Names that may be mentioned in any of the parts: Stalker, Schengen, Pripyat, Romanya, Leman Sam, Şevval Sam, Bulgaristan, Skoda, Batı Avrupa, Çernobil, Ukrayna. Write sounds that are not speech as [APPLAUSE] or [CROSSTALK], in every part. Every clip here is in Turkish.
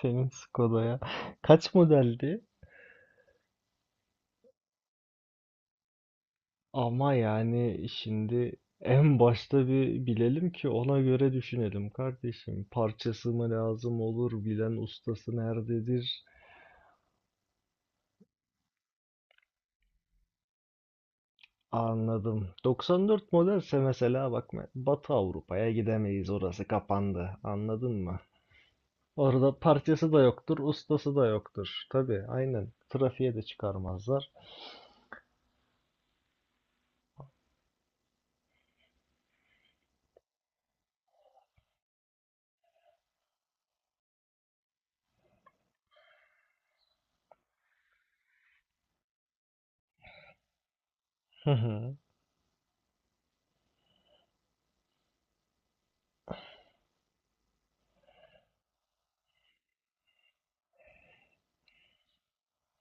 Senin Skoda'ya [LAUGHS] kaç modeldi? Ama yani şimdi en başta bir bilelim ki ona göre düşünelim kardeşim. Parçası mı lazım olur, bilen ustası nerededir? Anladım. 94 modelse mesela bak Batı Avrupa'ya gidemeyiz, orası kapandı. Anladın mı? Orada parçası da yoktur, ustası da yoktur. Tabii aynen. Trafiğe de çıkarmazlar. Hı hı.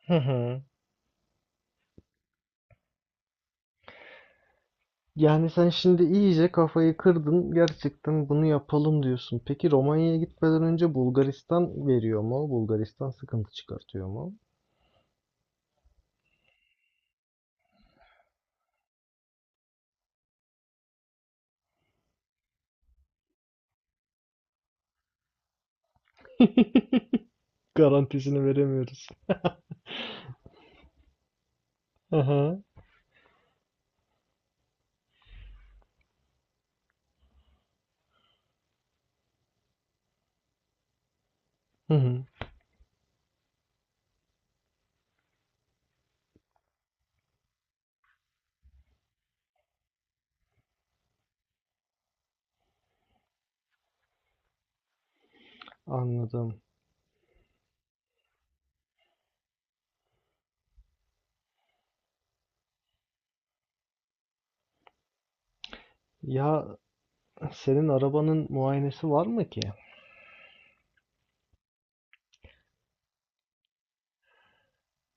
Hı hı. Yani sen şimdi iyice kafayı kırdın. Gerçekten bunu yapalım diyorsun. Peki Romanya'ya gitmeden önce Bulgaristan veriyor mu? Bulgaristan sıkıntı çıkartıyor mu? [LAUGHS] Garantisini veremiyoruz. Aha. Hı hı. Anladım. Ya senin arabanın muayenesi var mı ki?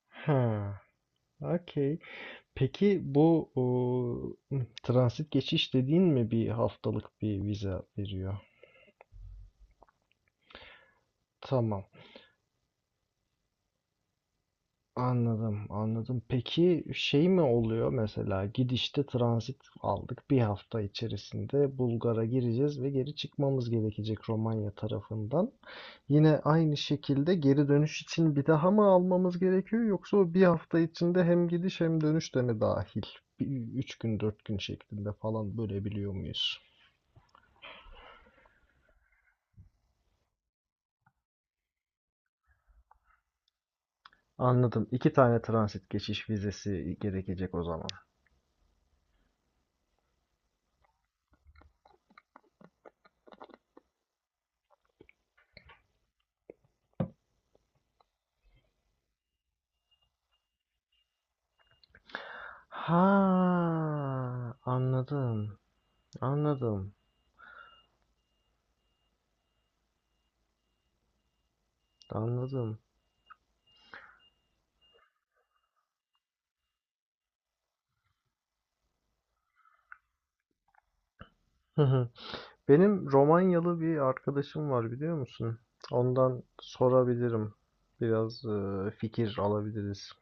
Ha. Okey. Peki bu o, transit geçiş dediğin mi bir haftalık bir vize veriyor? Tamam. Anladım, anladım. Peki şey mi oluyor mesela gidişte transit aldık, bir hafta içerisinde Bulgar'a gireceğiz ve geri çıkmamız gerekecek Romanya tarafından. Yine aynı şekilde geri dönüş için bir daha mı almamız gerekiyor, yoksa o bir hafta içinde hem gidiş hem dönüş de mi dahil? Üç gün dört gün şeklinde falan bölebiliyor muyuz? Anladım. İki tane transit geçiş vizesi gerekecek o zaman. Ha, anladım. Anladım. Anladım. Hı hı. Benim Romanyalı bir arkadaşım var, biliyor musun? Ondan sorabilirim. Biraz fikir alabiliriz.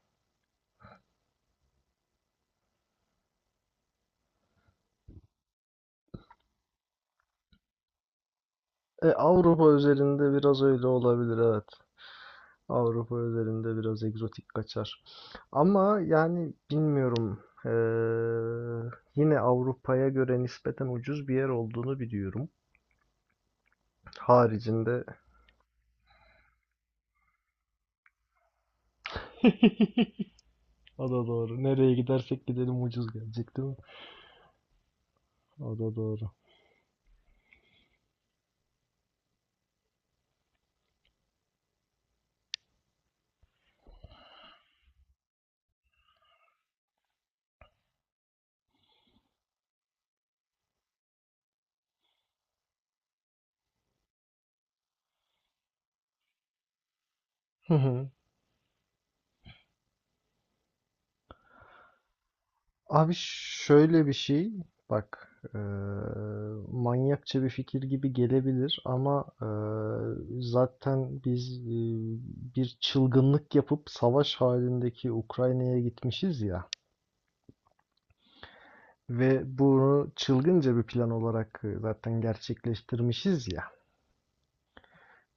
E, Avrupa üzerinde biraz öyle olabilir, evet. Avrupa üzerinde biraz egzotik kaçar. Ama yani bilmiyorum. E, Yine Avrupa'ya göre nispeten ucuz bir yer olduğunu biliyorum. Haricinde. O da doğru. Nereye gidersek gidelim ucuz gelecek, değil mi? O da doğru. [LAUGHS] Abi şöyle bir şey, bak, eee, manyakça bir fikir gibi gelebilir ama zaten biz, bir çılgınlık yapıp savaş halindeki Ukrayna'ya gitmişiz ya ve bunu çılgınca bir plan olarak zaten gerçekleştirmişiz ya.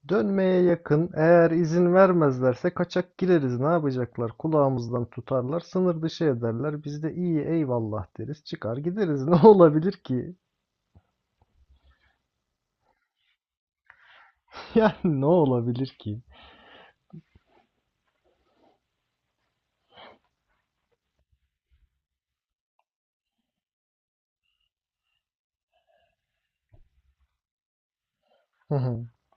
Dönmeye yakın, eğer izin vermezlerse kaçak gireriz, ne yapacaklar? Kulağımızdan tutarlar, sınır dışı ederler. Biz de iyi, eyvallah deriz, çıkar gideriz. [LAUGHS] Ne olabilir ki? [LAUGHS] Yani ne olabilir ki? [LAUGHS]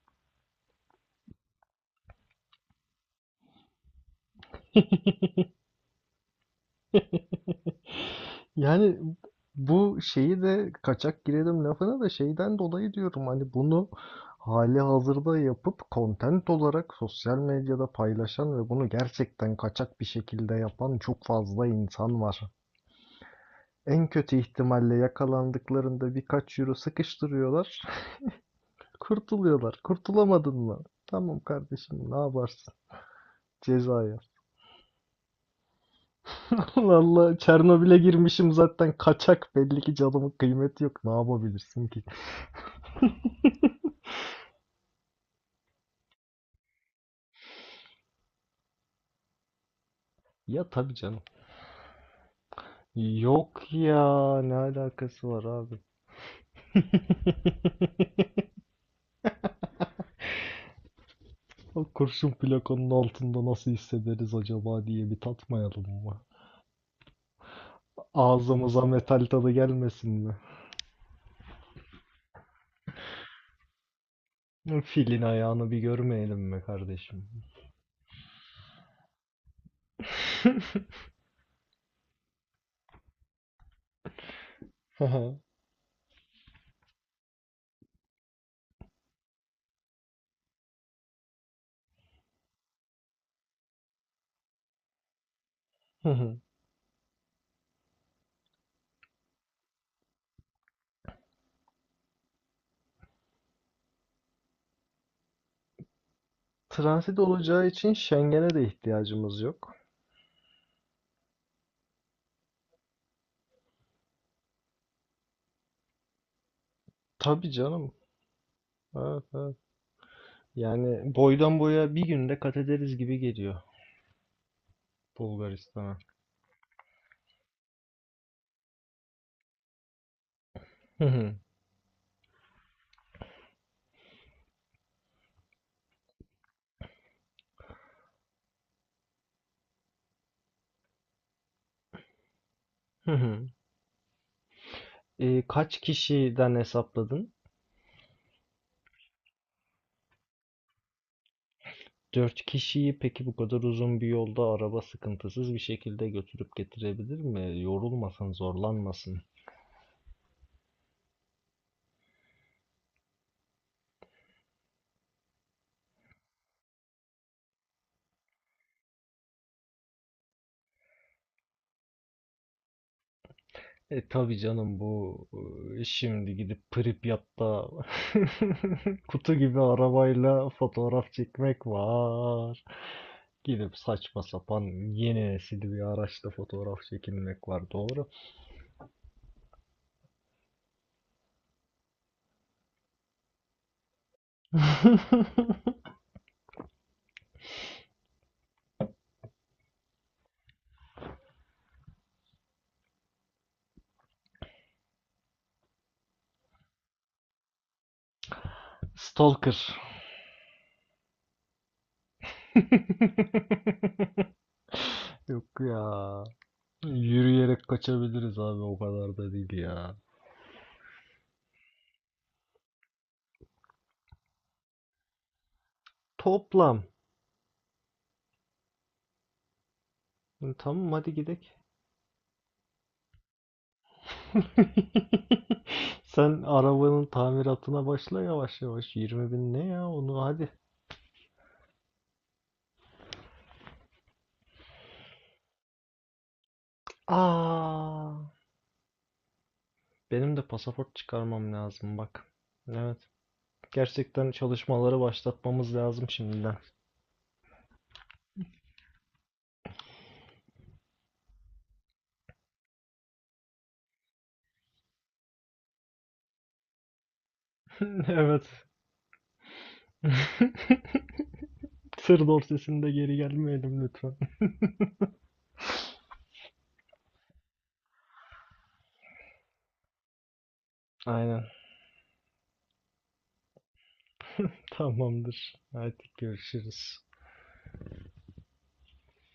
Yani bu şeyi de kaçak girelim lafına da şeyden dolayı diyorum, hani bunu hali hazırda yapıp content olarak sosyal medyada paylaşan ve bunu gerçekten kaçak bir şekilde yapan çok fazla insan var. En kötü ihtimalle yakalandıklarında birkaç euro sıkıştırıyorlar, [LAUGHS] kurtuluyorlar. Kurtulamadın mı? Tamam kardeşim, ne yaparsın? Cezaya. Allah, Çernobil'e girmişim zaten kaçak, belli ki canımın kıymeti yok. Ne yapabilirsin ki? [LAUGHS] Ya tabii canım. Yok ya, ne alakası var abi? [LAUGHS] O kurşun plakanın altında nasıl hissederiz acaba diye bir tatmayalım mı? Ağzımıza metal tadı gelmesin mi? Filin ayağını bir görmeyelim mi kardeşim? [LAUGHS] Transit olacağı için Schengen'e de ihtiyacımız yok. Tabii canım. Evet, evet. Yani boydan boya bir günde kat ederiz gibi geliyor Bulgaristan'a. Hı hı. Hı hı. Kaç kişiden hesapladın? Dört kişiyi peki bu kadar uzun bir yolda araba sıkıntısız bir şekilde götürüp getirebilir mi? Yorulmasın, zorlanmasın. E tabii canım bu, şimdi gidip Pripyat'ta [LAUGHS] kutu gibi arabayla fotoğraf çekmek var. Gidip saçma sapan yeni nesil bir araçla fotoğraf çekilmek var. Doğru. [LAUGHS] Stalker. [LAUGHS] Yok ya. Yürüyerek kaçabiliriz abi, o kadar da değil ya. Toplam. E, tamam, hadi gidelim. [LAUGHS] Sen arabanın tamiratına başla yavaş yavaş. 20 bin ne ya, onu hadi. Aa, benim de pasaport çıkarmam lazım bak. Evet. Gerçekten çalışmaları başlatmamız lazım şimdiden. [LAUGHS] Evet. [LAUGHS] Sır dorsesinde geri gelmeyelim lütfen. Aynen. Tamamdır. Artık görüşürüz.